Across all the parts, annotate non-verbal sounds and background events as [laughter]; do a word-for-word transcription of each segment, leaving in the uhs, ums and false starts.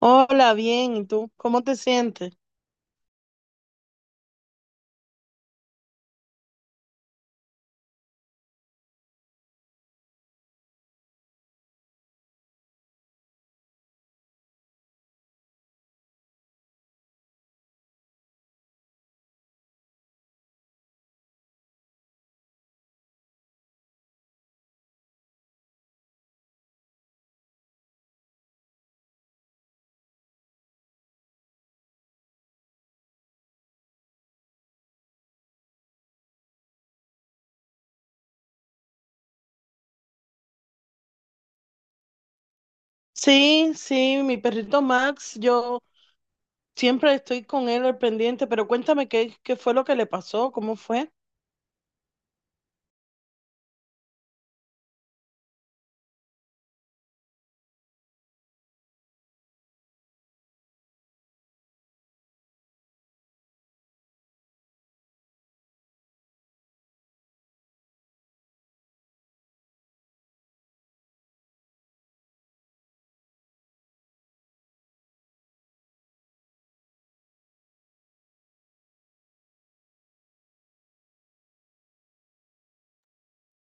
Hola, bien, ¿y tú? ¿Cómo te sientes? Sí, sí, mi perrito Max, yo siempre estoy con él al pendiente, pero cuéntame qué, qué fue lo que le pasó, cómo fue.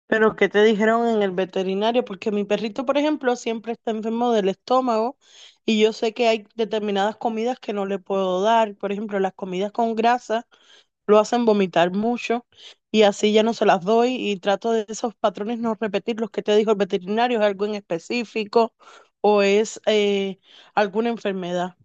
Pero qué te dijeron en el veterinario, porque mi perrito, por ejemplo, siempre está enfermo del estómago y yo sé que hay determinadas comidas que no le puedo dar, por ejemplo, las comidas con grasa. Lo hacen vomitar mucho y así ya no se las doy y trato de esos patrones no repetir los que te dijo el veterinario, es algo en específico o es eh, alguna enfermedad.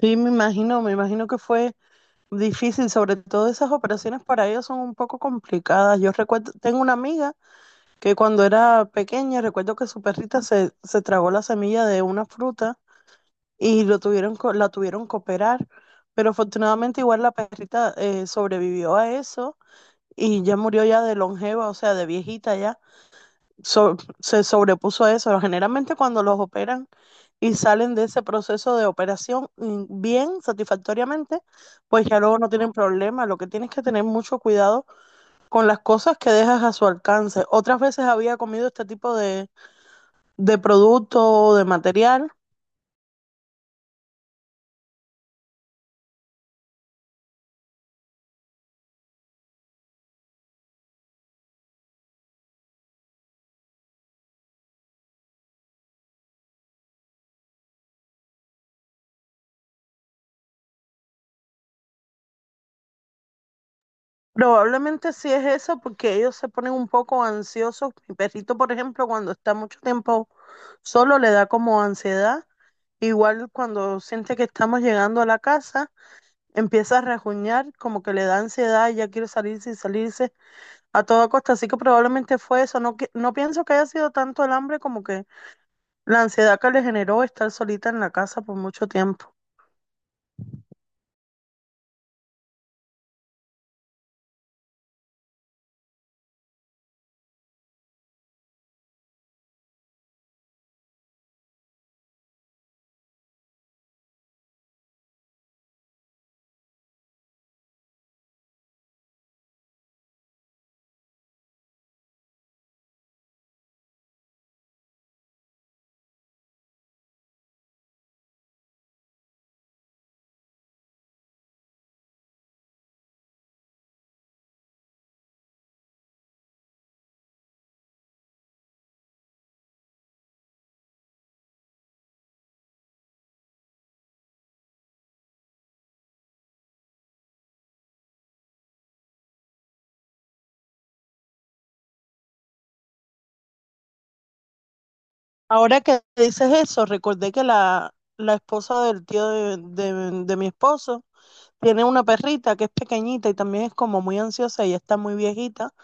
Sí, me imagino, me imagino que fue difícil, sobre todo esas operaciones para ellos son un poco complicadas. Yo recuerdo, tengo una amiga que cuando era pequeña, recuerdo que su perrita se, se tragó la semilla de una fruta y lo tuvieron, co- la tuvieron que operar, pero afortunadamente igual la perrita eh, sobrevivió a eso y ya murió ya de longeva, o sea, de viejita ya. So- se sobrepuso a eso. Generalmente cuando los operan y salen de ese proceso de operación mm, bien, satisfactoriamente, pues ya luego no tienen problema. Lo que tienes que tener mucho cuidado con las cosas que dejas a su alcance. Otras veces había comido este tipo de, de producto o de material. Probablemente sí es eso porque ellos se ponen un poco ansiosos. Mi perrito, por ejemplo, cuando está mucho tiempo solo, le da como ansiedad. Igual cuando siente que estamos llegando a la casa, empieza a rajuñar, como que le da ansiedad y ya quiere salirse y salirse a toda costa. Así que probablemente fue eso. No, que- no pienso que haya sido tanto el hambre como que la ansiedad que le generó estar solita en la casa por mucho tiempo. Ahora que dices eso, recordé que la, la esposa del tío de, de- de mi esposo tiene una perrita que es pequeñita y también es como muy ansiosa y está muy viejita.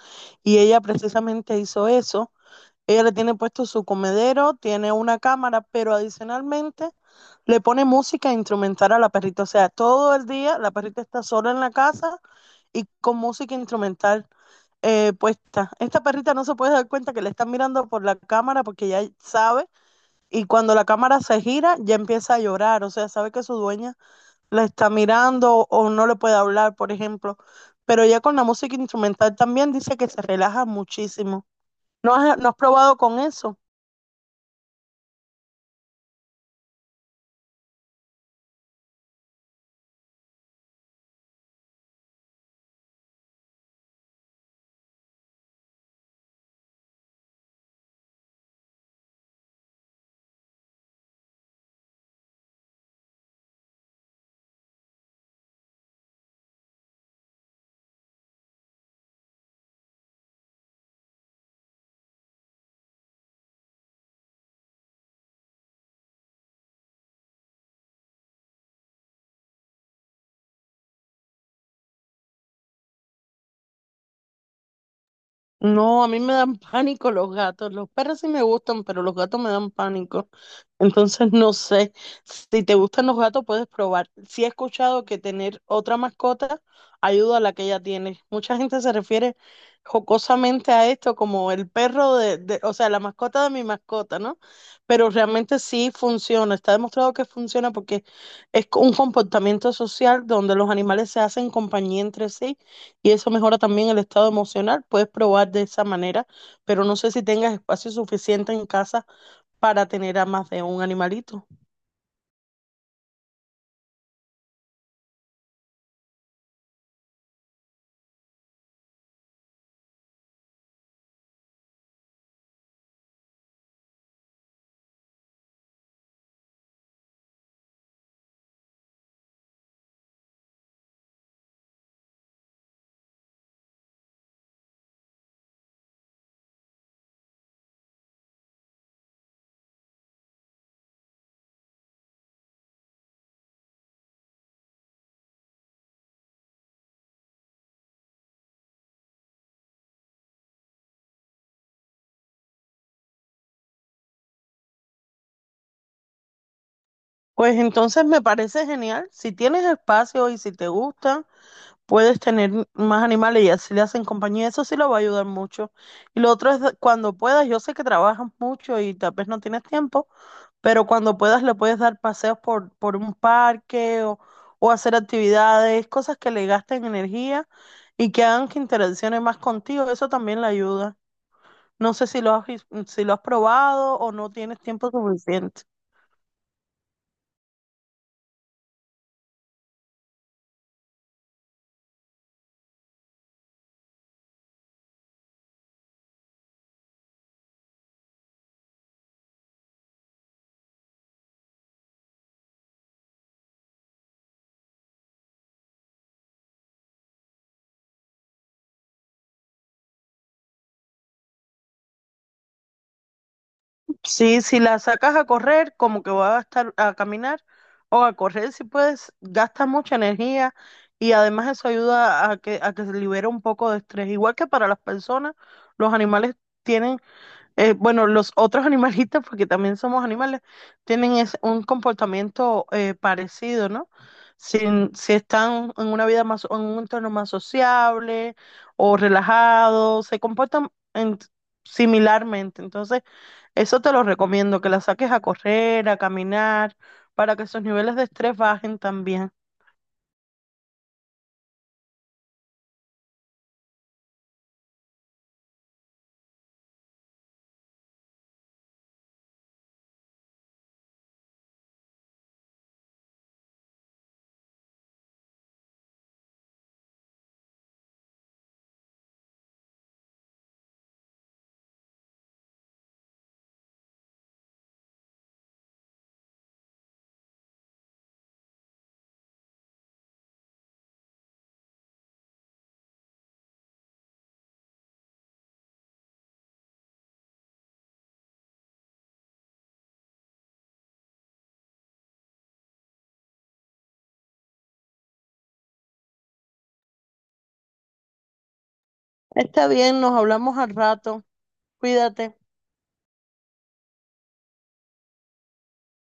Y ella precisamente hizo eso. Ella le tiene puesto su comedero, tiene una cámara, pero adicionalmente le pone música instrumental a la perrita. O sea, todo el día la perrita está sola en la casa y con música instrumental eh, puesta. Esta perrita no se puede dar cuenta que le están mirando por la cámara porque ya sabe. Y cuando la cámara se gira, ya empieza a llorar. O sea, sabe que su dueña la está mirando o no le puede hablar, por ejemplo. Pero ya con la música instrumental también dice que se relaja muchísimo. ¿No has, no has probado con eso? No, a mí me dan [laughs] pánico los gatos. Los perros sí me gustan, pero los gatos me dan pánico. Entonces, no sé, si te gustan los gatos, puedes probar. Sí he escuchado que tener otra mascota ayuda a la que ya tienes. Mucha gente se refiere jocosamente a esto como el perro de, de- o sea, la mascota de mi mascota, ¿no? Pero realmente sí funciona, está demostrado que funciona porque es co- un comportamiento social donde los animales se hacen compañía entre sí y eso mejora también el estado emocional. Puedes probar de esa manera, pero no sé si tengas espacio suficiente en casa para tener a más de un animalito. Pues entonces me parece genial. Si tienes espacio y si te gusta, puedes tener más animales y así le hacen compañía. Eso sí lo va a ayudar mucho. Y lo otro es de- cuando puedas, yo sé que trabajas mucho y tal vez no tienes tiempo, pero cuando puedas le puedes dar paseos por, por un parque o, o hacer actividades, cosas que le gasten energía y que hagan que interaccione más contigo. Eso también le ayuda. No sé si lo has, si lo has probado o no tienes tiempo suficiente. Sí, si la sacas a correr, como que va a estar a caminar o a correr si puedes, gasta mucha energía y además eso ayuda a que, a que se libere un poco de estrés. Igual que para las personas, los animales tienen, eh, bueno, los otros [laughs] animalistas, porque también somos animales, tienen es- un comportamiento eh, parecido, ¿no? Si, si están en una vida más, en un entorno más sociable o relajado, se comportan en- similarmente. Entonces, eso te lo recomiendo, que la saques a correr, a caminar, para que esos niveles de estrés bajen también. Está bien, nos hablamos al rato. Cuídate.